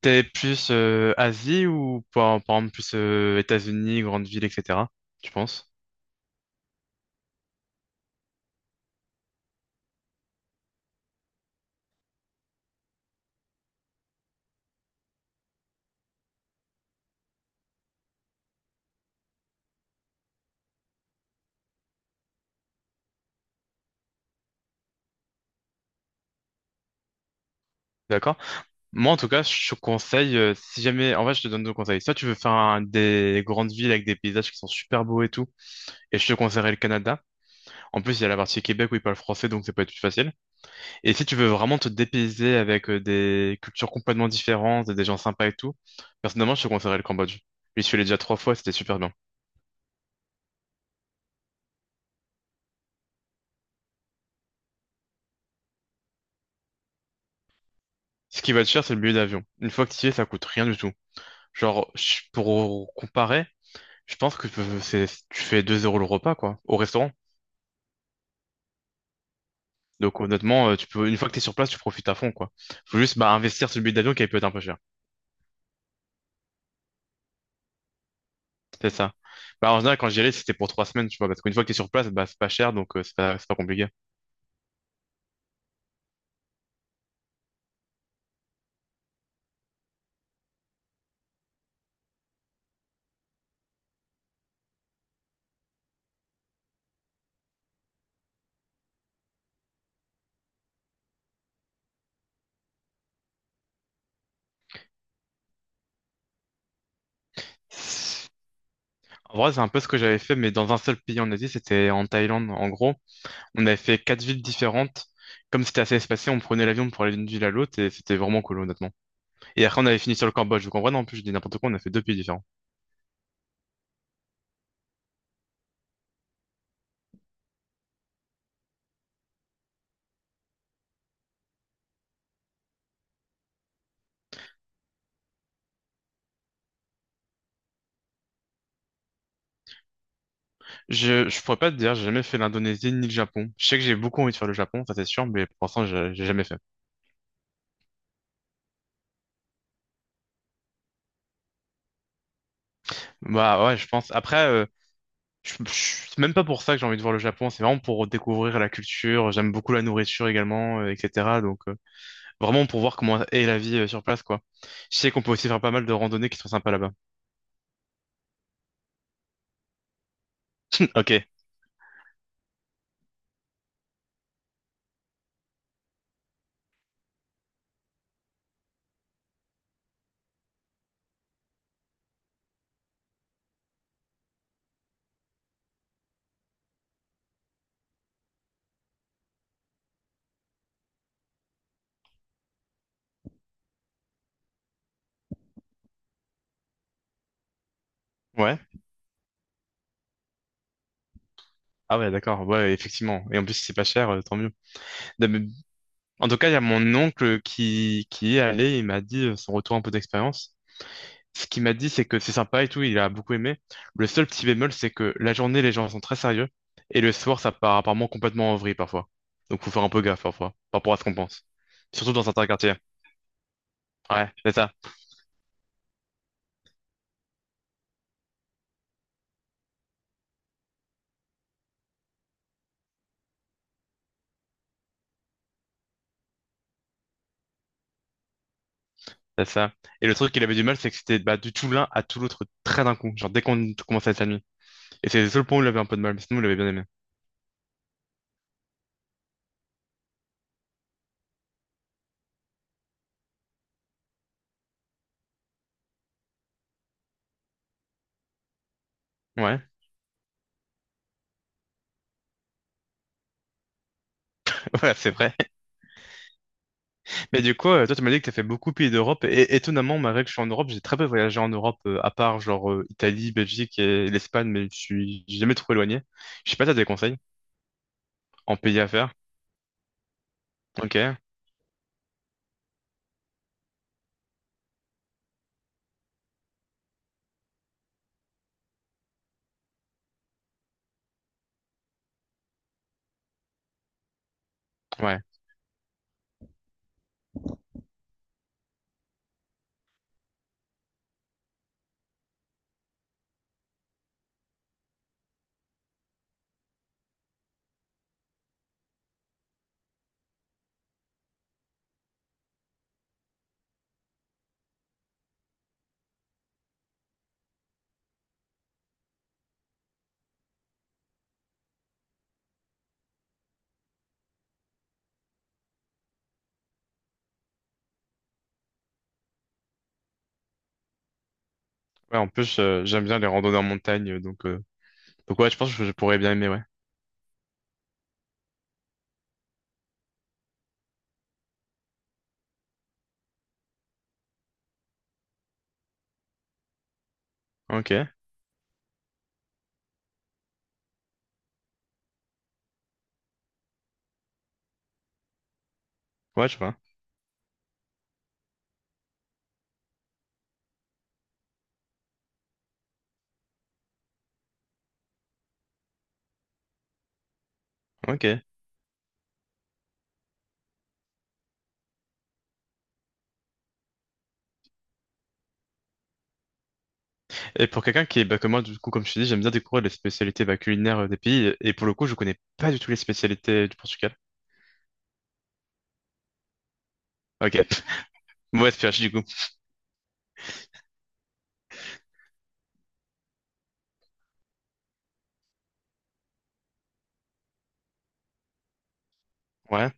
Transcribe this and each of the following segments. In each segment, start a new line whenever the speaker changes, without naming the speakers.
T'es plus Asie ou par exemple plus États-Unis, grandes villes, etc. Tu penses? D'accord? Moi en tout cas, je te conseille, si jamais, en vrai, je te donne deux conseils. Soit tu veux faire des grandes villes avec des paysages qui sont super beaux et tout, et je te conseillerais le Canada. En plus, il y a la partie Québec où ils parlent français, donc ça peut être plus facile. Et si tu veux vraiment te dépayser avec des cultures complètement différentes, et des gens sympas et tout, personnellement, je te conseillerais le Cambodge. J'y suis allé déjà trois fois, c'était super bien. Ce qui va te cher, c'est le billet d'avion. Une fois que tu y es, ça coûte rien du tout. Genre, pour comparer, je pense que c'est, tu fais 2 euros le repas, quoi, au restaurant. Donc, honnêtement, tu peux, une fois que t'es sur place, tu profites à fond, quoi. Faut juste, bah, investir sur le billet d'avion qui peut être un peu cher. C'est ça. Bah, en général, quand j'y allais, c'était pour trois semaines, tu vois, parce qu'une fois que t'es sur place, bah, c'est pas cher, donc, c'est pas compliqué. En vrai, c'est un peu ce que j'avais fait, mais dans un seul pays en Asie, c'était en Thaïlande, en gros. On avait fait quatre villes différentes. Comme c'était assez espacé, on prenait l'avion pour aller d'une ville à l'autre et c'était vraiment cool, honnêtement. Et après, on avait fini sur le Cambodge. Vous comprenez? En plus, je dis n'importe quoi, on a fait deux pays différents. Je pourrais pas te dire, j'ai jamais fait l'Indonésie ni le Japon. Je sais que j'ai beaucoup envie de faire le Japon, ça c'est sûr, mais pour l'instant, j'ai jamais fait. Bah ouais, je pense. Après, C'est même pas pour ça que j'ai envie de voir le Japon, c'est vraiment pour découvrir la culture, j'aime beaucoup la nourriture également, etc. Donc vraiment pour voir comment est la vie sur place, quoi. Je sais qu'on peut aussi faire pas mal de randonnées qui sont sympas là-bas. Ok, ouais. Ah ouais, d'accord, ouais, effectivement. Et en plus, si c'est pas cher, tant mieux. Non, en tout cas, il y a mon oncle qui y est allé, il m'a dit son retour un peu d'expérience. Ce qu'il m'a dit, c'est que c'est sympa et tout, il a beaucoup aimé. Le seul petit bémol, c'est que la journée, les gens sont très sérieux, et le soir, ça part apparemment complètement en vrille parfois. Donc faut faire un peu gaffe parfois, par rapport à ce qu'on pense. Surtout dans certains quartiers. Ouais, c'est ça, c'est ça. Et le truc qu'il avait du mal, c'est que c'était bah, du tout l'un à tout l'autre très d'un coup, genre dès qu'on commençait à être amis. Et c'est le seul point où il avait un peu de mal, mais sinon, il avait bien aimé. Ouais, ouais, c'est vrai. Mais du coup, toi, tu m'as dit que tu as fait beaucoup de pays d'Europe. Et étonnamment, malgré que je suis en Europe, j'ai très peu voyagé en Europe, à part genre Italie, Belgique et l'Espagne, mais je suis j'ai jamais trop éloigné. Je sais pas, si t'as des conseils en pays à faire? Ok, ouais. Ouais, en plus, j'aime bien les randonnées en montagne, donc ouais, je pense que je pourrais bien aimer, ouais. Ok, ouais, je vois. Ok. Et pour quelqu'un qui est, bah, comme moi, du coup, comme je te dis, j'aime bien découvrir les spécialités bah, culinaires des pays. Et pour le coup, je connais pas du tout les spécialités du Portugal. Ok, mauvaise pioche du coup. Ouais,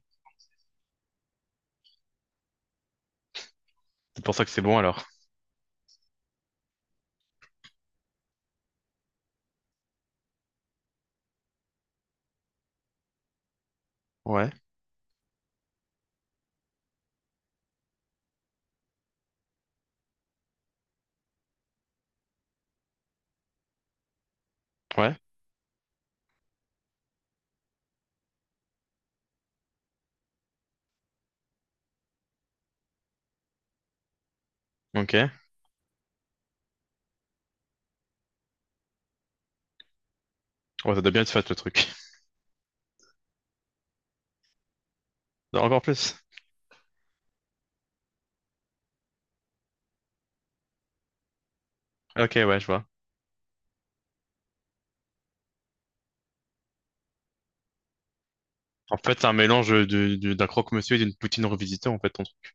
c'est pour ça que c'est bon alors. Ouais, ouais, ok. Ouais, ça doit bien être fat le truc. Non, encore plus. Ok, ouais, je vois. En fait, c'est un mélange d'un croque-monsieur et d'une poutine revisitée, en fait. Ton truc.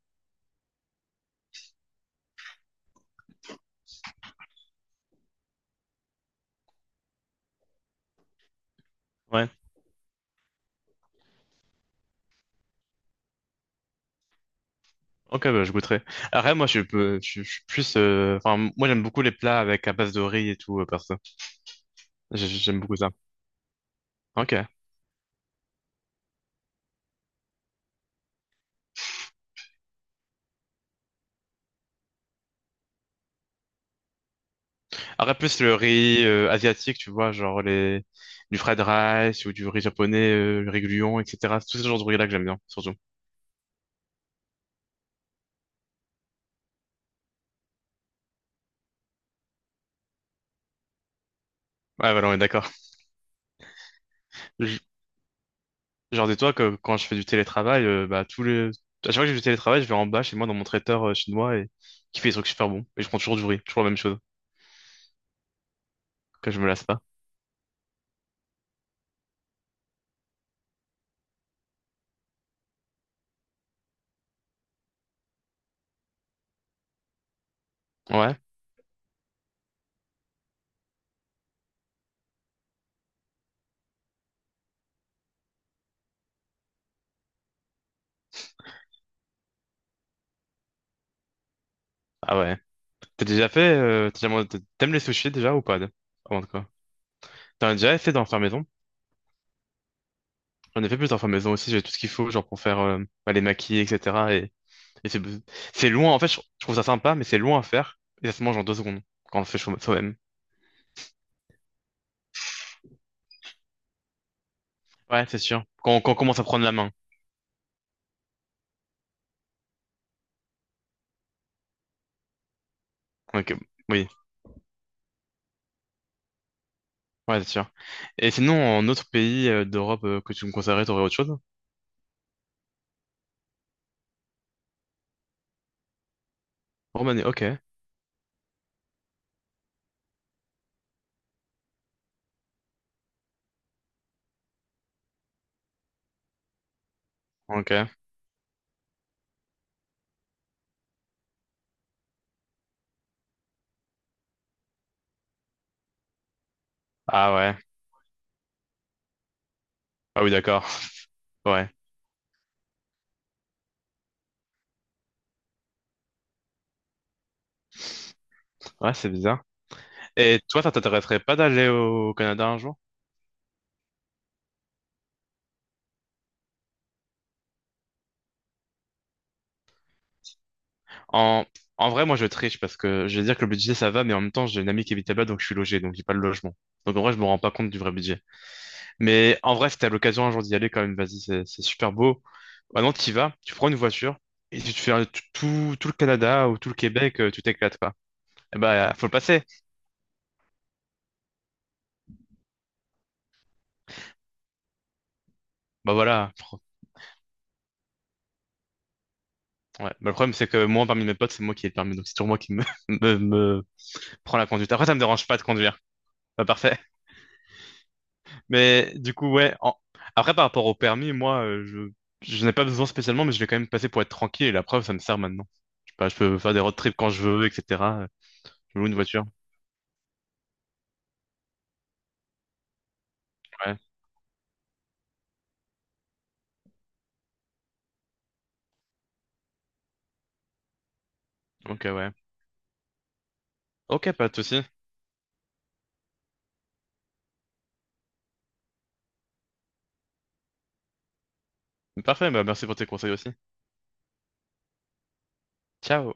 Ouais. Ok, bah, je goûterai. Après, moi, je suis plus. Enfin, moi, j'aime beaucoup les plats avec à base de riz et tout, perso. J'aime beaucoup ça. Ok. Après, plus le riz asiatique, tu vois, genre les du fried rice ou du riz japonais, le riz gluant, etc. Tout ce genre de riz-là que j'aime bien, surtout. Ouais, voilà, on est d'accord. Genre, dis-toi que quand je fais du télétravail, bah, à chaque fois que j'ai du télétravail, je vais en bas chez moi dans mon traiteur chinois et qui fait des trucs super bons. Et je prends toujours du riz, toujours la même chose, que je me lasse pas. Ouais? Ah ouais. T'as déjà fait, t'as déjà- mangé- t'aimes les sushis déjà ou pas? Avant de quoi? T'en as déjà fait d'en faire maison? J'en ai fait plus d'en faire maison aussi, j'ai tout ce qu'il faut, genre pour faire bah, les maquis, etc. Et c'est loin, en fait, je trouve ça sympa, mais c'est loin à faire. Et ça se mange en deux secondes quand on le fait soi-même. Ouais, c'est sûr. Quand on commence à prendre la main. Donc, oui. Ouais, c'est sûr. Et sinon, en autre pays d'Europe que tu me conseillerais, t'aurais autre chose? Roumanie, ok. Ok. Ah ouais. Ah oui, d'accord. Ouais. Ouais, c'est bizarre. Et toi, ça t'intéresserait pas d'aller au Canada un jour? En... En vrai, moi, je triche parce que je vais dire que le budget, ça va, mais en même temps, j'ai une amie qui habite là-bas, donc je suis logé, donc j'ai pas le logement. Donc en vrai, je me rends pas compte du vrai budget. Mais en vrai, si t'as l'occasion un jour d'y aller, quand même, vas-y, c'est super beau. Maintenant, tu y vas, tu prends une voiture et tu te fais tout, tout tout le Canada ou tout le Québec, tu t'éclates, quoi. Eh ben, faut le passer. Bah voilà. Ouais. Bah, le problème, c'est que moi, parmi mes potes, c'est moi qui ai le permis. Donc, c'est toujours moi qui me prends la conduite. Après, ça me dérange pas de conduire. Pas parfait. Mais du coup, ouais. Après, par rapport au permis, moi, je n'ai pas besoin spécialement, mais je l'ai quand même passé pour être tranquille. Et la preuve, ça me sert maintenant. Je sais pas, je peux faire des road trips quand je veux, etc. Je loue une voiture. Ouais. Ok, ouais. Ok, pas de souci. Parfait. Bah, merci pour tes conseils aussi. Ciao.